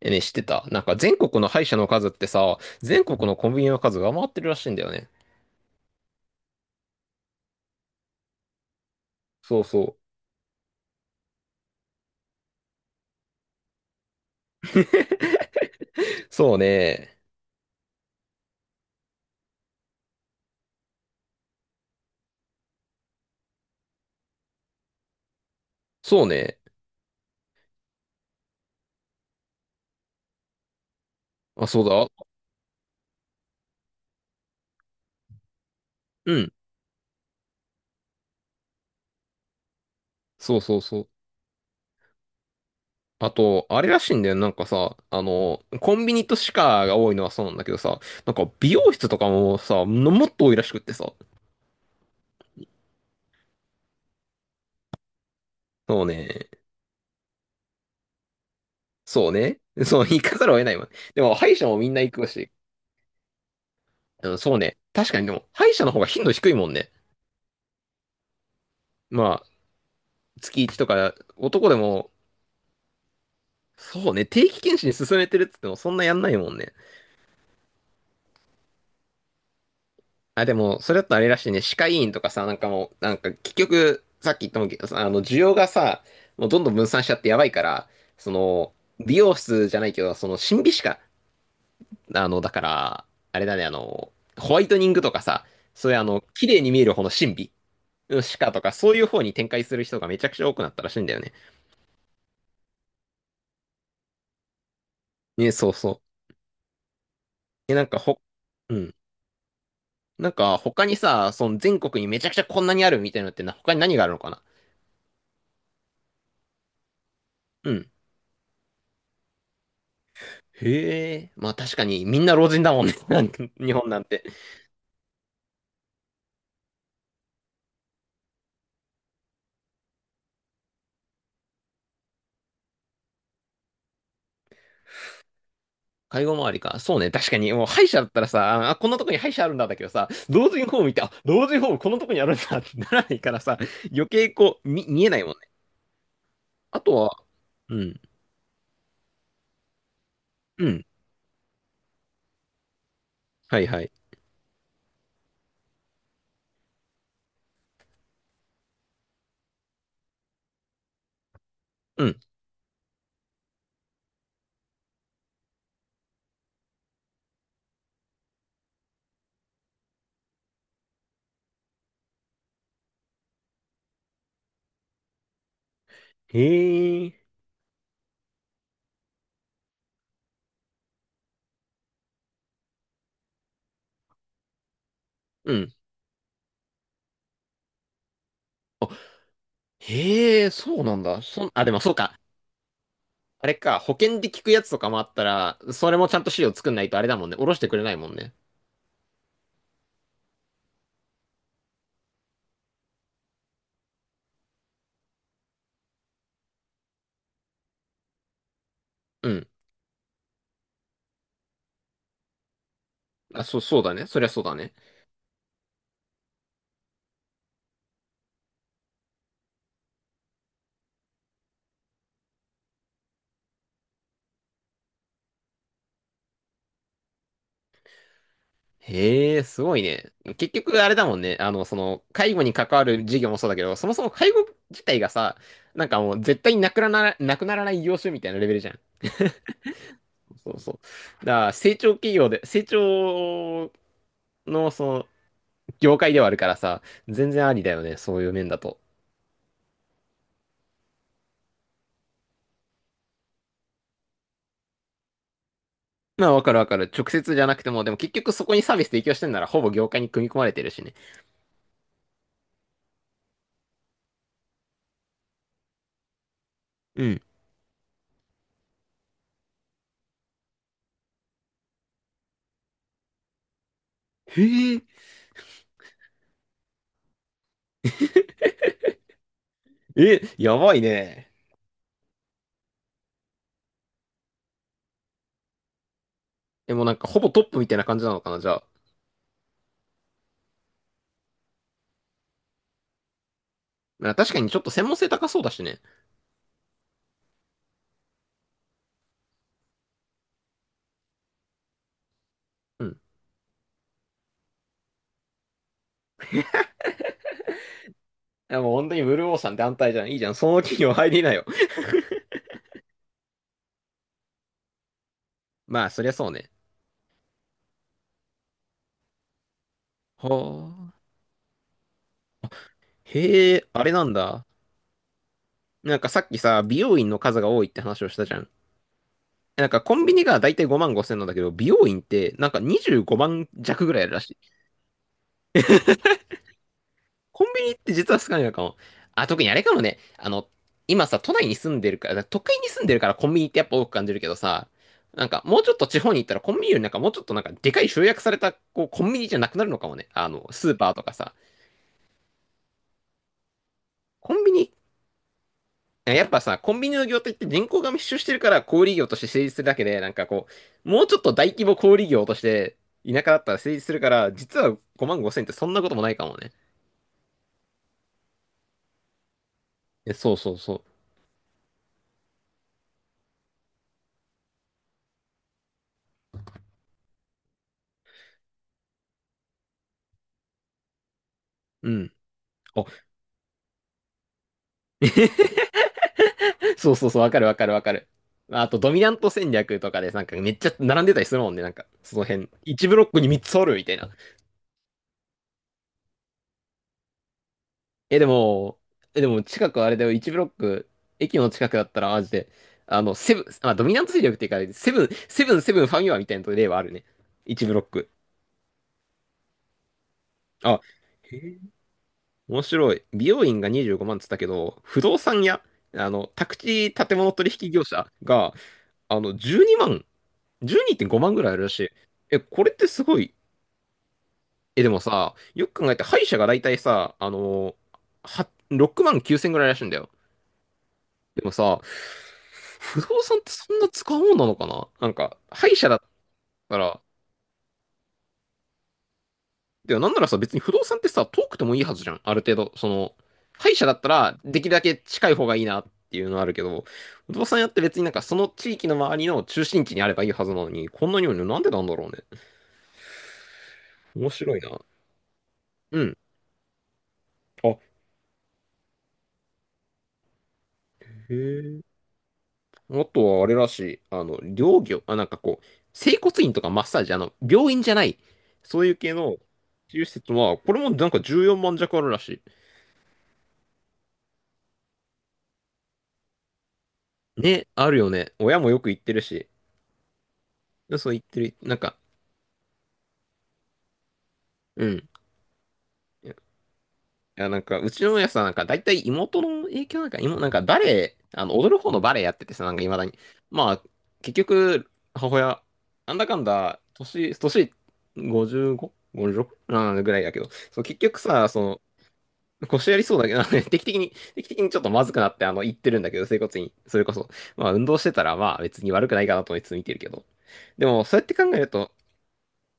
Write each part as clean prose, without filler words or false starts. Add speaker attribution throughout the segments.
Speaker 1: え、ね、知ってた？なんか全国の歯医者の数ってさ、全国のコンビニの数が上回ってるらしいんだよね。そうそう。そうね。そうね。あ、そうだ。うん。そうそうそう。あと、あれらしいんだよ。なんかさ、コンビニと歯科が多いのはそうなんだけどさ、なんか美容室とかもさ、のもっと多いらしくってさ。そうね。そうね。そう、行かざるを得ないわ。でも、歯医者もみんな行くし。うん、そうね。確かに、でも、歯医者の方が頻度低いもんね。まあ、月1とか、男でもそうね、定期検診進めてるっつってもそんなやんないもんね。あ、でも、それだとあれらしいね、歯科医院とかさ、なんかもう、なんか結局、さっき言ったもんけどさ、需要がさ、もうどんどん分散しちゃってやばいから、その、美容室じゃないけど、その、審美歯科、だから、あれだね、ホワイトニングとかさ、そういう綺麗に見える方の審美、歯科とか、そういう方に展開する人がめちゃくちゃ多くなったらしいんだよね。ね、そうそう。え、なんかほ、うん。なんか、他にさ、その全国にめちゃくちゃこんなにあるみたいなのってな、他に何があるのかな。うん。へえ。まあ確かに、みんな老人だもんね。なんか日本なんて。介護周りか。そうね。確かに、もう歯医者だったらさ、あ、こんなとこに歯医者あるんだだけどさ、老人ホーム見て、あ、老人ホームこのとこにあるんだってならないからさ、余計こう、見えないもんね。あとは、うん。うん。はいはい。うん。へえ。うん。あへえ、そうなんだ。あ、でもそうか。あれか、保険で聞くやつとかもあったら、それもちゃんと資料作んないとあれだもんね。おろしてくれないもんね。うん。あ、そう、そうだね。そりゃそうだね。へえ、すごいね。結局あれだもんね。介護に関わる事業もそうだけど、そもそも介護自体がさ、なんかもう絶対になくならない業種みたいなレベルじゃん。そうそう。だから成長企業で、成長のその業界ではあるからさ、全然ありだよね、そういう面だと。まあ、わかるわかる。直接じゃなくても、でも結局そこにサービス提供してんなら、ほぼ業界に組み込まれてるしね。うん。へえ。え、やばいね。でもなんか、ほぼトップみたいな感じなのかな、じゃあ。まあ確かにちょっと専門性高そうだしね。うん。でもう本当にブルーオーさん団体じゃん。いいじゃん。その企業入りなよ。まあ、そりゃそうね。はあ。へえ、あれなんだ。なんかさっきさ、美容院の数が多いって話をしたじゃん。なんかコンビニがだいたい5万5千なんだけど、美容院ってなんか25万弱ぐらいあるらしい。コンビニって実は少ないのかも。あ、特にあれかもね。今さ、都内に住んでるから、都会に住んでるからコンビニってやっぱ多く感じるけどさ、なんかもうちょっと地方に行ったらコンビニよりなんかもうちょっとなんかでかい集約されたこうコンビニじゃなくなるのかもね。スーパーとかさ。コンビニ、やっぱさ、コンビニの業態って人口が密集してるから小売業として成立するだけで、なんかこう、もうちょっと大規模小売業として田舎だったら成立するから、実は5万5千ってそんなこともないかもね。えそうそうそう。うん。あ、そうそうそう、わかるわかるわかる。あと、ドミナント戦略とかで、なんかめっちゃ並んでたりするもんね、なんか、その辺。1ブロックに3つおるみたいな。え、でも、え、でも近くあれだよ、1ブロック、駅の近くだったら、マジで、セブン、あ、ドミナント戦略っていうか、セブンファミマみたいな例はあるね。1ブロック。あ、へえ面白い。美容院が25万っつったけど、不動産屋、宅地建物取引業者が、12万、12.5万ぐらいあるらしい。え、これってすごい。え、でもさ、よく考えて歯医者が大体さ、あのは、6万9千ぐらいらしいんだよ。でもさ、不動産ってそんな使うもんなのかななんか、歯医者だったら、でもなんならさ、別に不動産ってさ、遠くてもいいはずじゃん。ある程度、その、歯医者だったら、できるだけ近い方がいいなっていうのはあるけど、不動産屋って別になんかその地域の周りの中心地にあればいいはずなのに、こんなにもねなんでなんだろうね。面白いな。うん。あ、へえ。あとはあれらしい。あの、療業、あ、なんかこう、整骨院とかマッサージ、まあの、病院じゃない、そういう系の治療施設は、これもなんか14万弱あるらしい。ね、あるよね。親もよく行ってるし。でそう言ってる。なんか、うん。いや、いやなんか、うちの親さ、なんか、だいたい妹の影響なんか、妹、なんか、バレエ、踊る方のバレエやっててさ、なんか、未だに。まあ、結局、母親、なんだかんだ、年 55?56? ぐらいだけど、そう、結局さ、腰やりそうだけど、ね、定期的にちょっとまずくなって、言ってるんだけど、整骨院。それこそ。まあ、運動してたら、まあ、別に悪くないかなと思いつつ見てるけど。でも、そうやって考えると、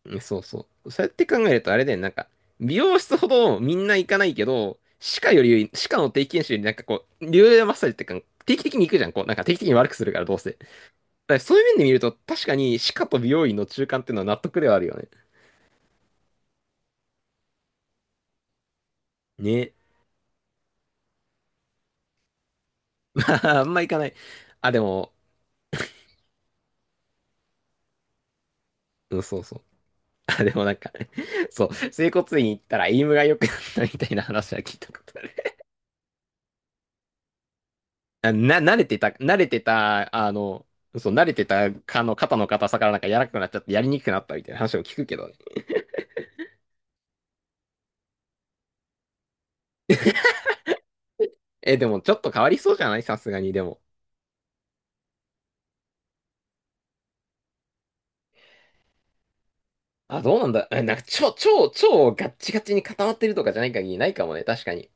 Speaker 1: うんそうそう。そうやって考えると、あれだよね、なんか、美容室ほどみんな行かないけど、歯科より、歯科の定期検診より、なんかこう、流動マッサージってか、定期的に行くじゃん、こう、なんか定期的に悪くするから、どうせ。だからそういう面で見ると、確かに歯科と美容院の中間っていうのは納得ではあるよね。ね。まあ、あんま行かない。あ、でも、うん、そうそう。あ、でもなんかね、そう、整骨院行ったらエイムが良くなったみたいな話は聞いたことある。慣れてた、そう、慣れてたかの肩の硬さからなんか柔らかくなっちゃってやりにくくなったみたいな話を聞くけどね。え、でもちょっと変わりそうじゃないさすがに、でも。あ、どうなんだ。え、なんか超、超、超ガッチガチに固まってるとかじゃない限りないかもね、確かに。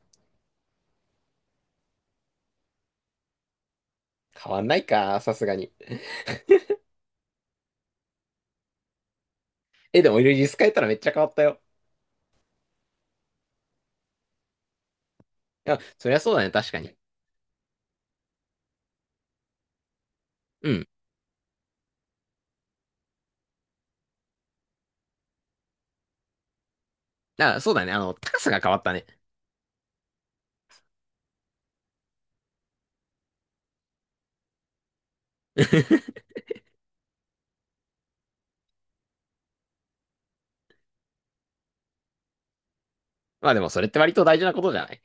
Speaker 1: 変わんないか、さすがに。え、でも、リス変えたらめっちゃ変わったよ。いや、そりゃそうだね、確かに。うん。あ、そうだね、高さが変わったね。まあでもそれって割と大事なことじゃない？